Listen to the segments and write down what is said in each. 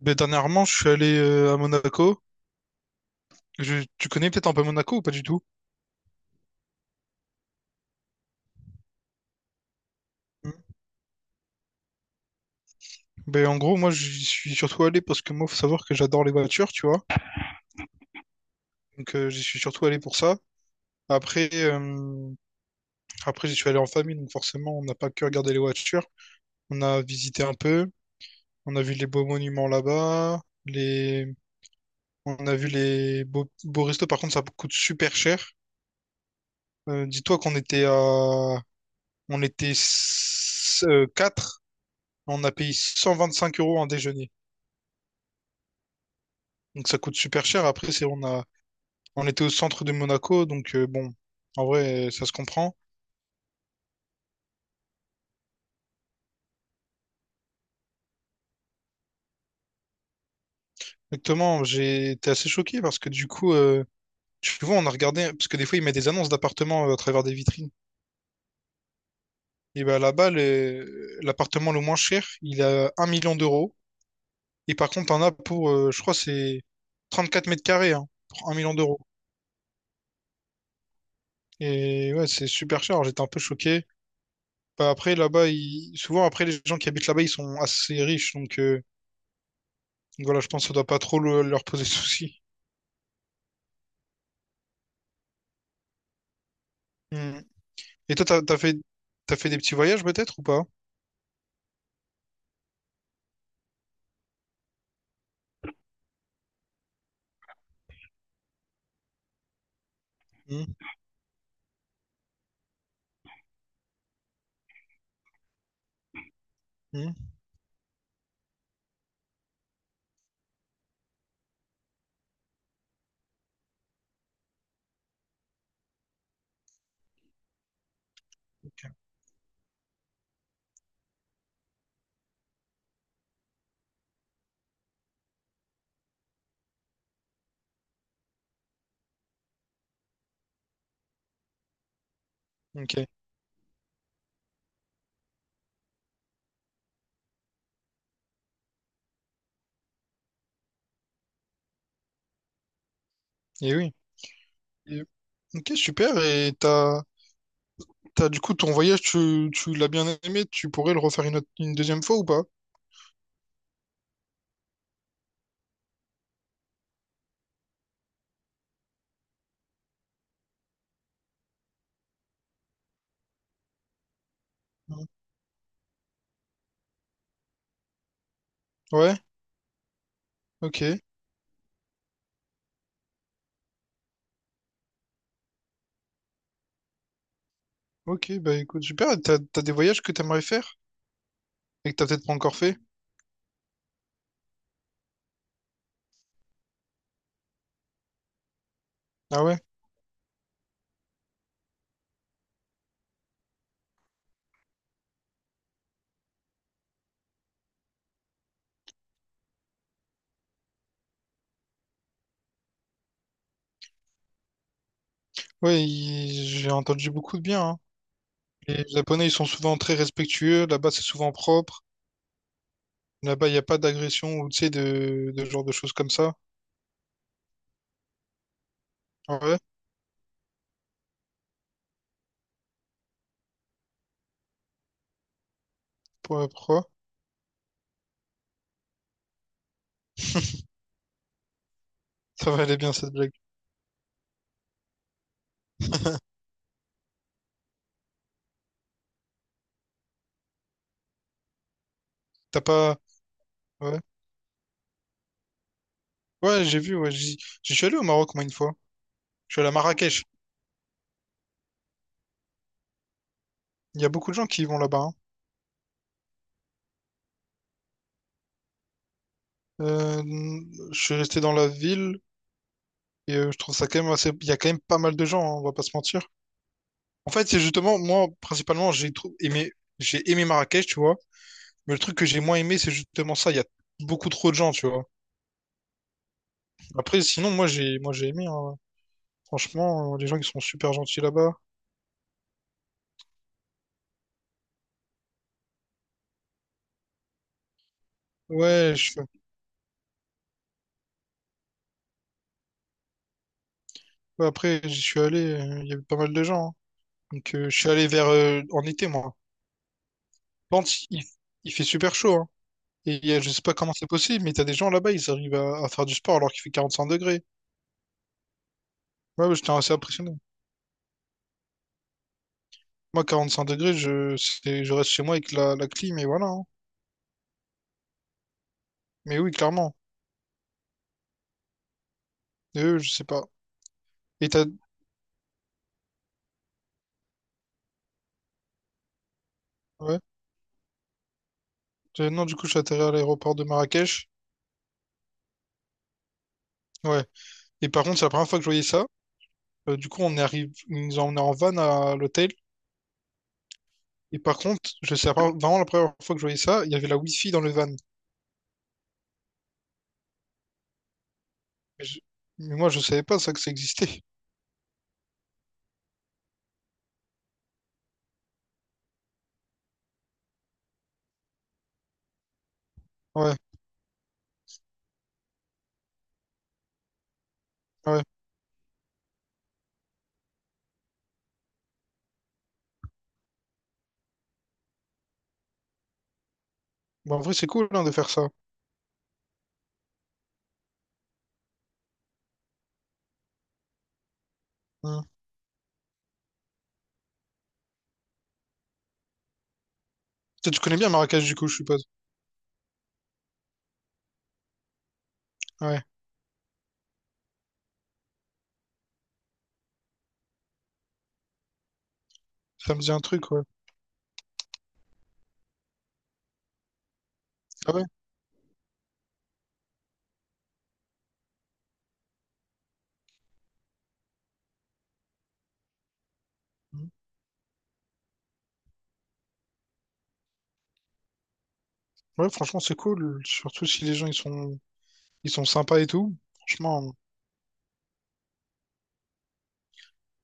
Ben, dernièrement, je suis allé à Monaco. Tu connais peut-être un peu Monaco ou pas du tout? Hmm. Ben, en gros, moi, j'y suis surtout allé parce que moi, faut savoir que j'adore les voitures, tu vois. Donc, j'y suis surtout allé pour ça. Après, euh, Après, j'y suis allé en famille, donc forcément, on n'a pas que regardé les voitures. On a visité un peu. On a vu les beaux monuments là-bas. Les... On a vu les beaux, beaux restos. Par contre, ça coûte super cher. Dis-toi qu'on était à... On était 4. On a payé 125 € en déjeuner. Donc ça coûte super cher. Après, c'est on a on était au centre de Monaco, donc bon, en vrai, ça se comprend. Exactement, j'ai été assez choqué parce que du coup, tu vois, on a regardé, parce que des fois, ils mettent des annonces d'appartements à travers des vitrines. Et ben là-bas, l'appartement le moins cher, il a 1 million d'euros. Et par contre, t'en as pour, je crois, c'est 34 mètres carrés, hein, pour 1 million d'euros. Et ouais, c'est super cher. Alors, j'étais un peu choqué. Bah, après, là-bas, souvent, après, les gens qui habitent là-bas, ils sont assez riches. Donc voilà, je pense que ça doit pas trop leur poser de soucis. Hmm. Et toi, t'as fait des petits voyages peut-être ou pas? Hmm, hmm. Ok. Et oui. Et- Ok, super. Et t'as du coup ton voyage, tu l'as bien aimé. Tu pourrais le refaire une deuxième fois ou pas? Non. Ouais. Ok. Ok. Bah écoute, super. Et t'as, t'as des voyages que t'aimerais faire et que t'as peut-être pas encore fait. Ah ouais. Ouais. J'ai entendu beaucoup de bien, hein. Les Japonais, ils sont souvent très respectueux. Là-bas, c'est souvent propre. Là-bas, il n'y a pas d'agression ou tu sais de genre de choses comme ça. Ouais, pourquoi? Ça va aller bien cette blague. T'as pas. Ouais. Ouais, j'ai vu, ouais. J'y suis allé au Maroc, moi, une fois. Je suis allé à Marrakech. Il y a beaucoup de gens qui y vont là-bas, hein. Euh, je suis resté dans la ville et je trouve ça quand même assez. Il y a quand même pas mal de gens, hein, on va pas se mentir. En fait, c'est justement, moi, principalement, j'ai aimé Marrakech, tu vois. Mais le truc que j'ai moins aimé, c'est justement ça. Il y a beaucoup trop de gens, tu vois. Après, sinon, moi, j'ai aimé, hein. Franchement, les gens qui sont super gentils là-bas. Ouais. Bah, après, j'y suis allé, il y avait pas mal de gens, hein. Donc, je suis allé vers en été, moi. Lente, il fait super chaud. Hein. Et je sais pas comment c'est possible, mais t'as des gens là-bas, ils arrivent à faire du sport alors qu'il fait 45 degrés. Ouais, ouais, j'étais assez impressionné. Moi, 45 degrés, je reste chez moi avec la clim, et voilà, hein. Mais oui, clairement. Et eux, je sais pas. Et t'as. Ouais. Non, du coup, je suis atterri à l'aéroport de Marrakech. Ouais. Et par contre, c'est la première fois que je voyais ça. Du coup, on est arrivé, ils nous ont emmenés en van à l'hôtel. Et par contre, je sais pas, vraiment la première fois que je voyais ça, il y avait la Wi-Fi dans le van. Mais, je- mais moi, je savais pas ça que ça existait. Ouais, ouais. Bon, en vrai, c'est cool hein, de faire ça. Hein. Tu connais bien Marrakech, du coup, je suppose. Ouais, ça me dit un truc, ouais. Ah ouais? Mhm. Ouais, franchement, c'est cool. Surtout si les gens, ils sont sympas et tout. Franchement,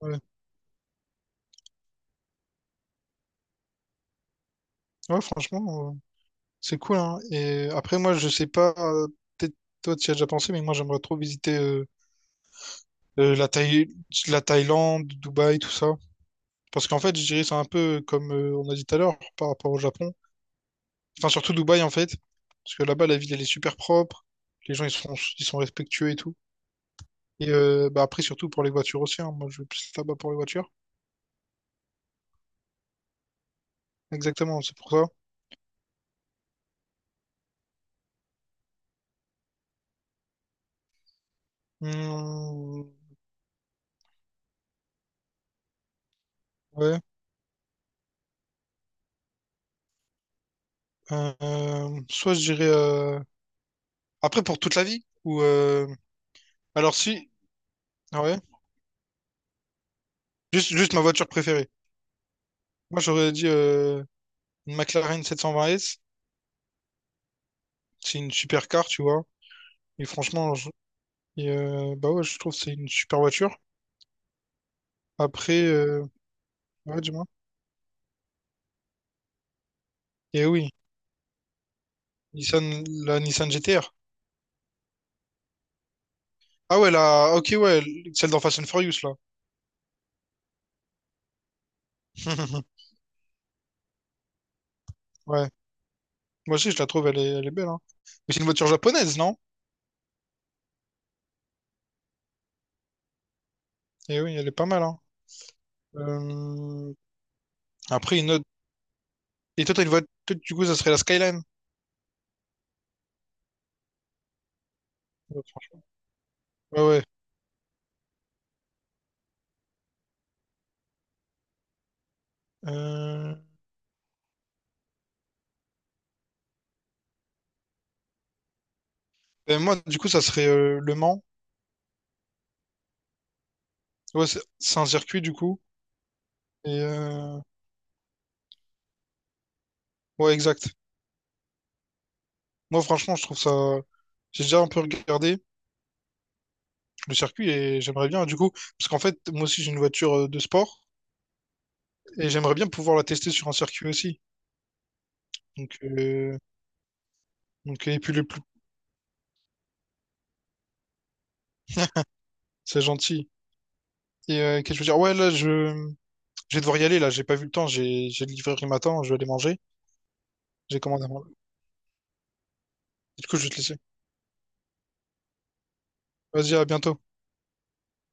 ouais. Ouais, franchement, c'est cool, hein. Et après, moi, je sais pas, peut-être toi, tu y as déjà pensé, mais moi, j'aimerais trop visiter euh, la Thaï- la Thaïlande, Dubaï, tout ça. Parce qu'en fait, je dirais c'est un peu comme on a dit tout à l'heure par rapport au Japon. Enfin, surtout Dubaï en fait. Parce que là-bas, la ville, elle est super propre. Les gens, ils sont respectueux et tout. Et bah, après, surtout pour les voitures aussi, hein. Moi, je vais plus là-bas pour les voitures. Exactement, c'est pour ça. Hmm, ouais. Soit je dirais... après, pour toute la vie. Ou... alors si... Ah, ouais. Juste, juste ma voiture préférée. Moi, j'aurais dit une McLaren 720S. C'est une super car, tu vois. Et franchement, et bah ouais, je trouve que c'est une super voiture. Après, ouais, dis-moi. Et oui, Nissan, la Nissan GT-R. Ah ouais, ok, ouais, celle dans Fast and Furious, là. Ouais, moi aussi, je la trouve, elle est belle, hein. Mais c'est une voiture japonaise, non? Et oui, elle est pas mal, hein. Euh, Après, une autre... Et toi, t'as une voiture, du coup, ça serait la Skyline. Ouais, franchement. Ouais, ouais. Euh, moi, du coup, ça serait Le Mans. Ouais, c'est un circuit, du coup. Et ouais, exact. Moi, franchement, je trouve ça... J'ai déjà un peu regardé le circuit et j'aimerais bien, du coup, parce qu'en fait, moi aussi j'ai une voiture de sport et j'aimerais bien pouvoir la tester sur un circuit aussi. Donc, et puis le plus, c'est gentil. Et qu'est-ce que je veux dire? Ouais, là, je vais devoir y aller, là, j'ai pas vu le temps, j'ai le livreur qui m'attend, je vais aller manger, j'ai commandé à manger. Du coup, je vais te laisser. Vas-y, à bientôt.